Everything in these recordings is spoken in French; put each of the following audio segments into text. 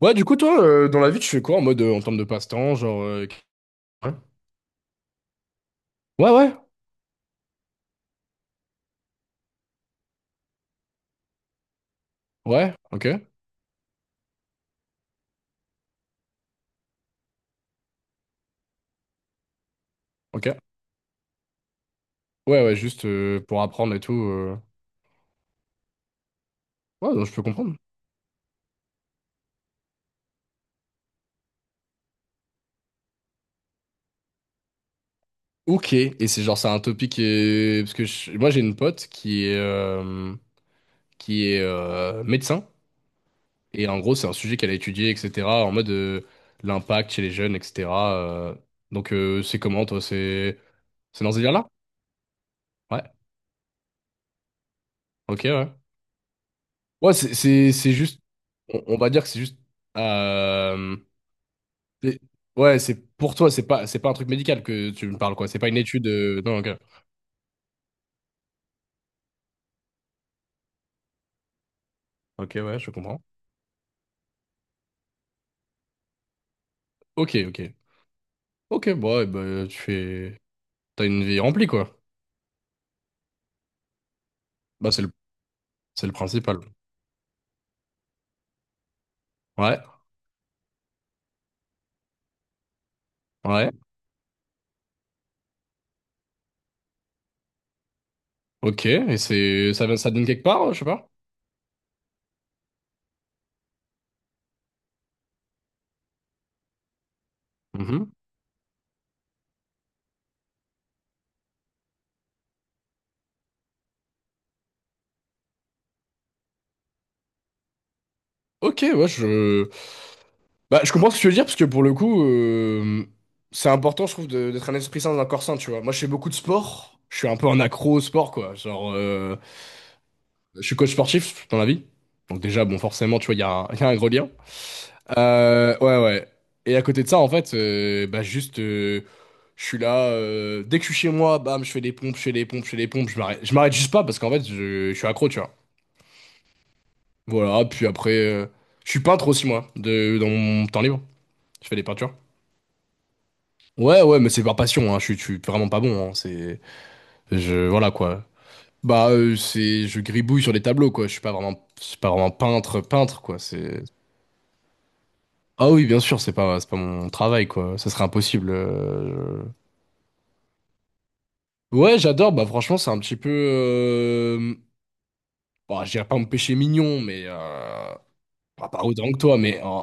Ouais, du coup, toi, dans la vie, tu fais quoi en mode, en termes de passe-temps, genre. Ouais, ouais, ouais, ouais, ok, ok. Ouais, ouais, juste pour apprendre et tout. Ouais, donc je peux comprendre. Ok, et c'est genre, c'est un topic qui est. Parce que moi, j'ai une pote qui est médecin, et en gros, c'est un sujet qu'elle a étudié, etc., en mode l'impact chez les jeunes, etc. euh. Donc, c'est comment, toi? C'est dans ce délire-là? Ouais, ok, ouais. Ouais, c'est juste. On va dire que c'est juste. euh, C'est- Ouais, c'est pour toi, c'est pas un truc médical que tu me parles, quoi. C'est pas une étude. Non, ok. Ok, ouais, je comprends. Ok, ok. Ok, bon, ouais, bah, tu fais. T'as une vie remplie, quoi. Bah, c'est le principal. Ouais, ouais. Ok, et c'est, ça, ça donne quelque part, je sais pas. Mhm. Ok, ouais, je. Bah, je comprends ce que tu veux dire, parce que pour le coup, c'est important, je trouve, d'être un esprit sain dans un corps sain, tu vois. Moi, je fais beaucoup de sport. Je suis un peu un accro au sport, quoi. Genre. Je suis coach sportif dans la vie. Donc déjà, bon, forcément, tu vois, il y a un, il y a un gros lien. Ouais, ouais. Et à côté de ça, en fait, bah juste, je suis là. Dès que je suis chez moi, bam, je fais des pompes, je fais des pompes, je fais des pompes. Je m'arrête juste pas parce qu'en fait, je suis accro, tu vois. Voilà. Puis après, je suis peintre aussi moi, dans mon temps libre. Je fais des peintures. Ouais, ouais, mais c'est par passion. Hein. Je suis vraiment pas bon. Hein. C'est, je, voilà quoi. Bah, c'est, je gribouille sur des tableaux quoi. Je suis pas vraiment peintre, peintre quoi. C'est. Ah oui, bien sûr, c'est pas mon travail, quoi. Ça serait impossible. Ouais, j'adore. Bah, franchement, c'est un petit peu. Bah, je dirais pas me péché mignon, mais. Bah, pas autant que toi, mais.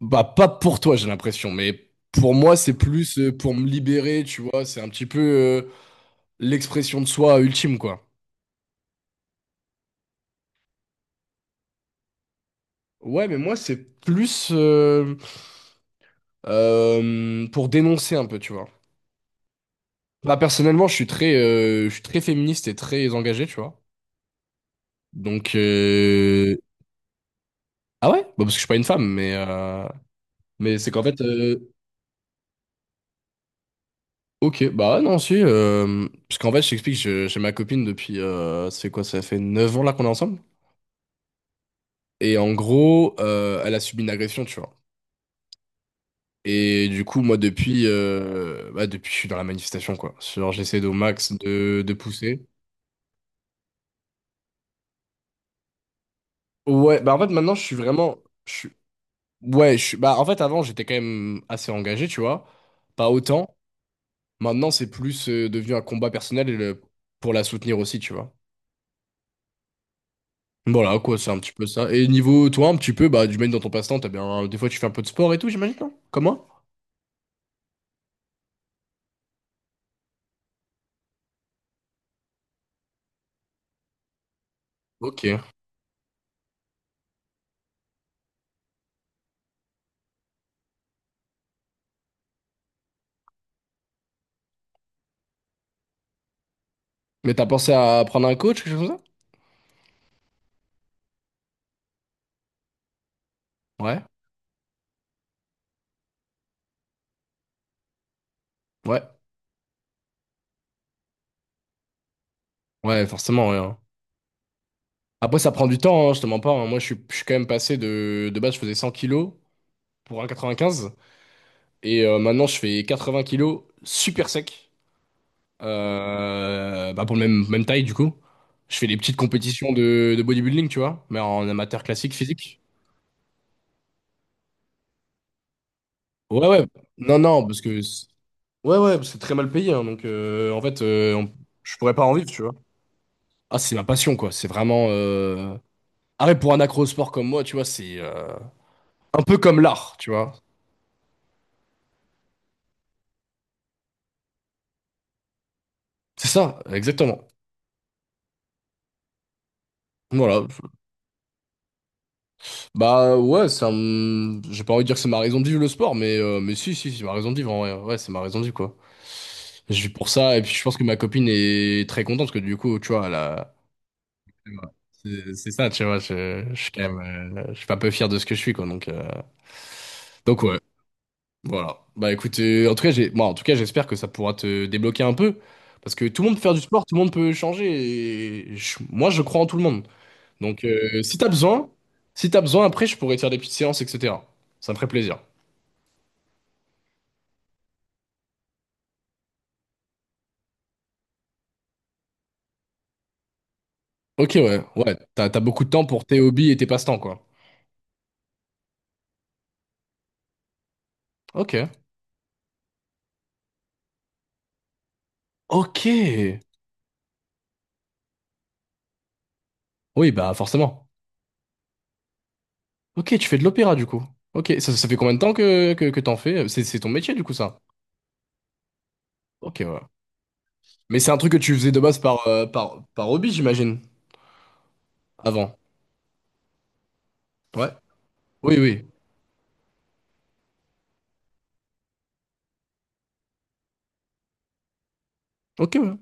Bah, pas pour toi, j'ai l'impression. Mais pour moi, c'est plus pour me libérer, tu vois. C'est un petit peu l'expression de soi ultime, quoi. Ouais, mais moi, c'est plus pour dénoncer un peu, tu vois. Bah, personnellement, je suis très féministe et très engagé, tu vois. Donc. Ah ouais? Bah parce que je suis pas une femme, mais c'est qu'en fait. Ok, bah ouais, non, si. Parce qu'en fait, je t'explique, je- j'ai ma copine depuis. Ça fait quoi? Ça fait 9 ans là qu'on est ensemble. Et en gros, elle a subi une agression, tu vois. Et du coup, moi, depuis. Bah, depuis, je suis dans la manifestation, quoi. Genre, j'essaie au max de pousser. Ouais, bah en fait, maintenant, je suis vraiment. Je suis. Ouais, je suis. Bah en fait, avant, j'étais quand même assez engagé, tu vois. Pas autant. Maintenant, c'est plus devenu un combat personnel et pour la soutenir aussi, tu vois. Voilà, quoi, c'est un petit peu ça. Et niveau toi, un petit peu, bah, du même dans ton passe-temps, t'as bien. Des fois, tu fais un peu de sport et tout, j'imagine, non? Comme moi? Ok. Mais t'as pensé à prendre un coach, quelque chose comme ça? Ouais. Ouais. Ouais, forcément, ouais. Hein. Après, ça prend du temps, hein, je te mens pas. Hein. Moi, je suis quand même passé de. De base, je faisais 100 kilos pour un 95. Et maintenant, je fais 80 kilos super sec. Bah, pour le même, même taille, du coup. Je fais des petites compétitions de bodybuilding, tu vois, mais en amateur classique, physique. Ouais, ouais. Non, non, parce que ouais, ouais, c'est très mal payé, hein, donc en fait, je pourrais pas en vivre, tu vois. Ah, c'est ma passion, quoi. C'est vraiment. Arrête, pour un accro-sport comme moi, tu vois, c'est un peu comme l'art, tu vois. C'est ça, exactement. Voilà. Bah ouais, c'est un. J'ai pas envie de dire que c'est ma raison de vivre le sport, mais si, si, c'est ma raison de vivre en vrai. Ouais, c'est ma raison de vivre, quoi. Je vis pour ça, et puis je pense que ma copine est très contente, parce que du coup, tu vois, c'est ça, tu vois, je suis quand même, je suis pas peu fier de ce que je suis, quoi, donc ouais. Voilà. Bah écoute, en tout cas, moi, en tout cas, j'espère que ça pourra te débloquer un peu, parce que tout le monde peut faire du sport, tout le monde peut changer. Et moi, je crois en tout le monde. Donc, si t'as besoin, après, je pourrais te faire des petites séances, etc. Ça me ferait plaisir. Ok, ouais, ouais. T'as beaucoup de temps pour tes hobbies et tes passe-temps, quoi. Ok. Ok. Oui, bah forcément. Ok, tu fais de l'opéra du coup. Ok, ça fait combien de temps que t'en fais? C'est ton métier du coup, ça. Ok, ouais. Mais c'est un truc que tu faisais de base par, par hobby, j'imagine, avant. Ouais. Oui, oui. Ok, ouais.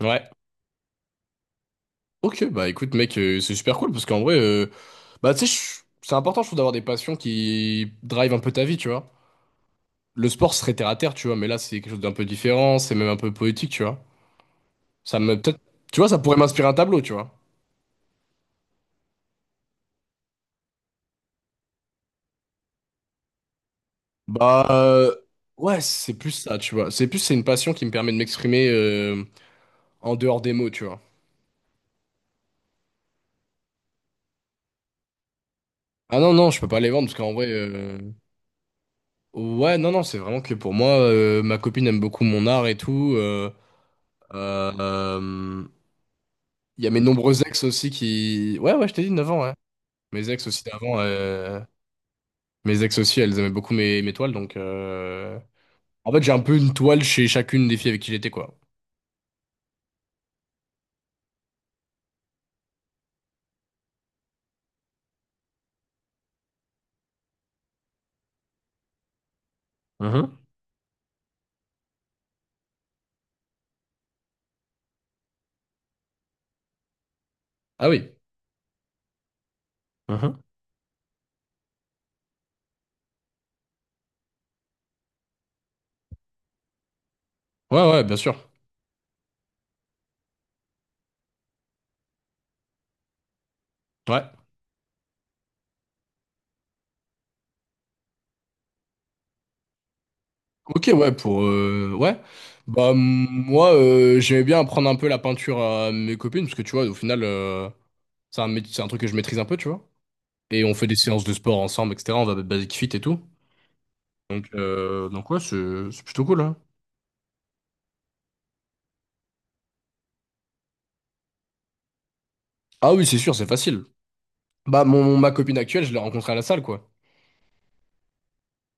Ouais. Ok, bah écoute, mec, c'est super cool parce qu'en vrai, bah tu sais, c'est important, je trouve, d'avoir des passions qui drivent un peu ta vie, tu vois. Le sport serait terre à terre, tu vois, mais là, c'est quelque chose d'un peu différent, c'est même un peu poétique, tu vois. Peut-être, tu vois, ça pourrait m'inspirer un tableau, tu vois. Bah, ouais, c'est plus ça, tu vois. C'est une passion qui me permet de m'exprimer en dehors des mots, tu vois. Ah non, non, je peux pas les vendre parce qu'en vrai, ouais, non, non, c'est vraiment que pour moi, ma copine aime beaucoup mon art et tout. Euh, euh, Il y a mes nombreux ex aussi qui. Ouais, ouais, je t'ai dit 9 ans, ouais. Mes ex aussi d'avant, mes ex aussi, elles aimaient beaucoup mes toiles, donc. En fait, j'ai un peu une toile chez chacune des filles avec qui j'étais, quoi. Mhm. Ah oui. Mhm. Ouais, ouais, bien sûr. Ouais. Ok, ouais, pour. Ouais. Bah, moi, j'aimais bien apprendre un peu la peinture à mes copines, parce que, tu vois, au final, c'est un truc que je maîtrise un peu, tu vois. Et on fait des séances de sport ensemble, etc. On va à Basic Fit et tout. Donc ouais, c'est plutôt cool, hein. Ah oui, c'est sûr, c'est facile. Bah, ma copine actuelle, je l'ai rencontrée à la salle, quoi.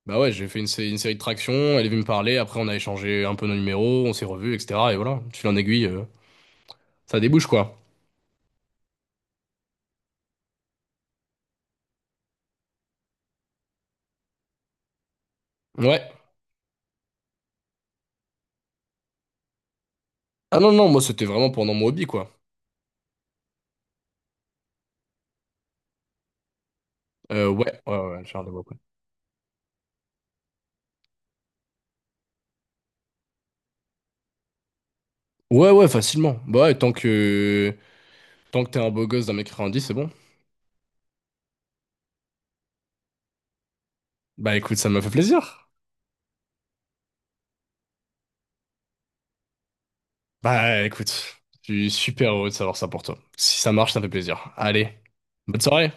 Bah ouais, j'ai fait une série de tractions, elle est venue me parler, après on a échangé un peu nos numéros, on s'est revus, etc. Et voilà, tu fil en aiguille, ça débouche, quoi. Ouais. Ah non, non, moi c'était vraiment pendant mon hobby, quoi. Ouais, ouais, ouais, Charles de Gaulle, quoi. Ouais, ouais, facilement. Bah ouais, tant que t'es un beau gosse d'1,10 m, c'est bon. Bah écoute, ça m'a fait plaisir. Bah écoute, je suis super heureux de savoir ça pour toi. Si ça marche, ça me fait plaisir. Allez, bonne soirée.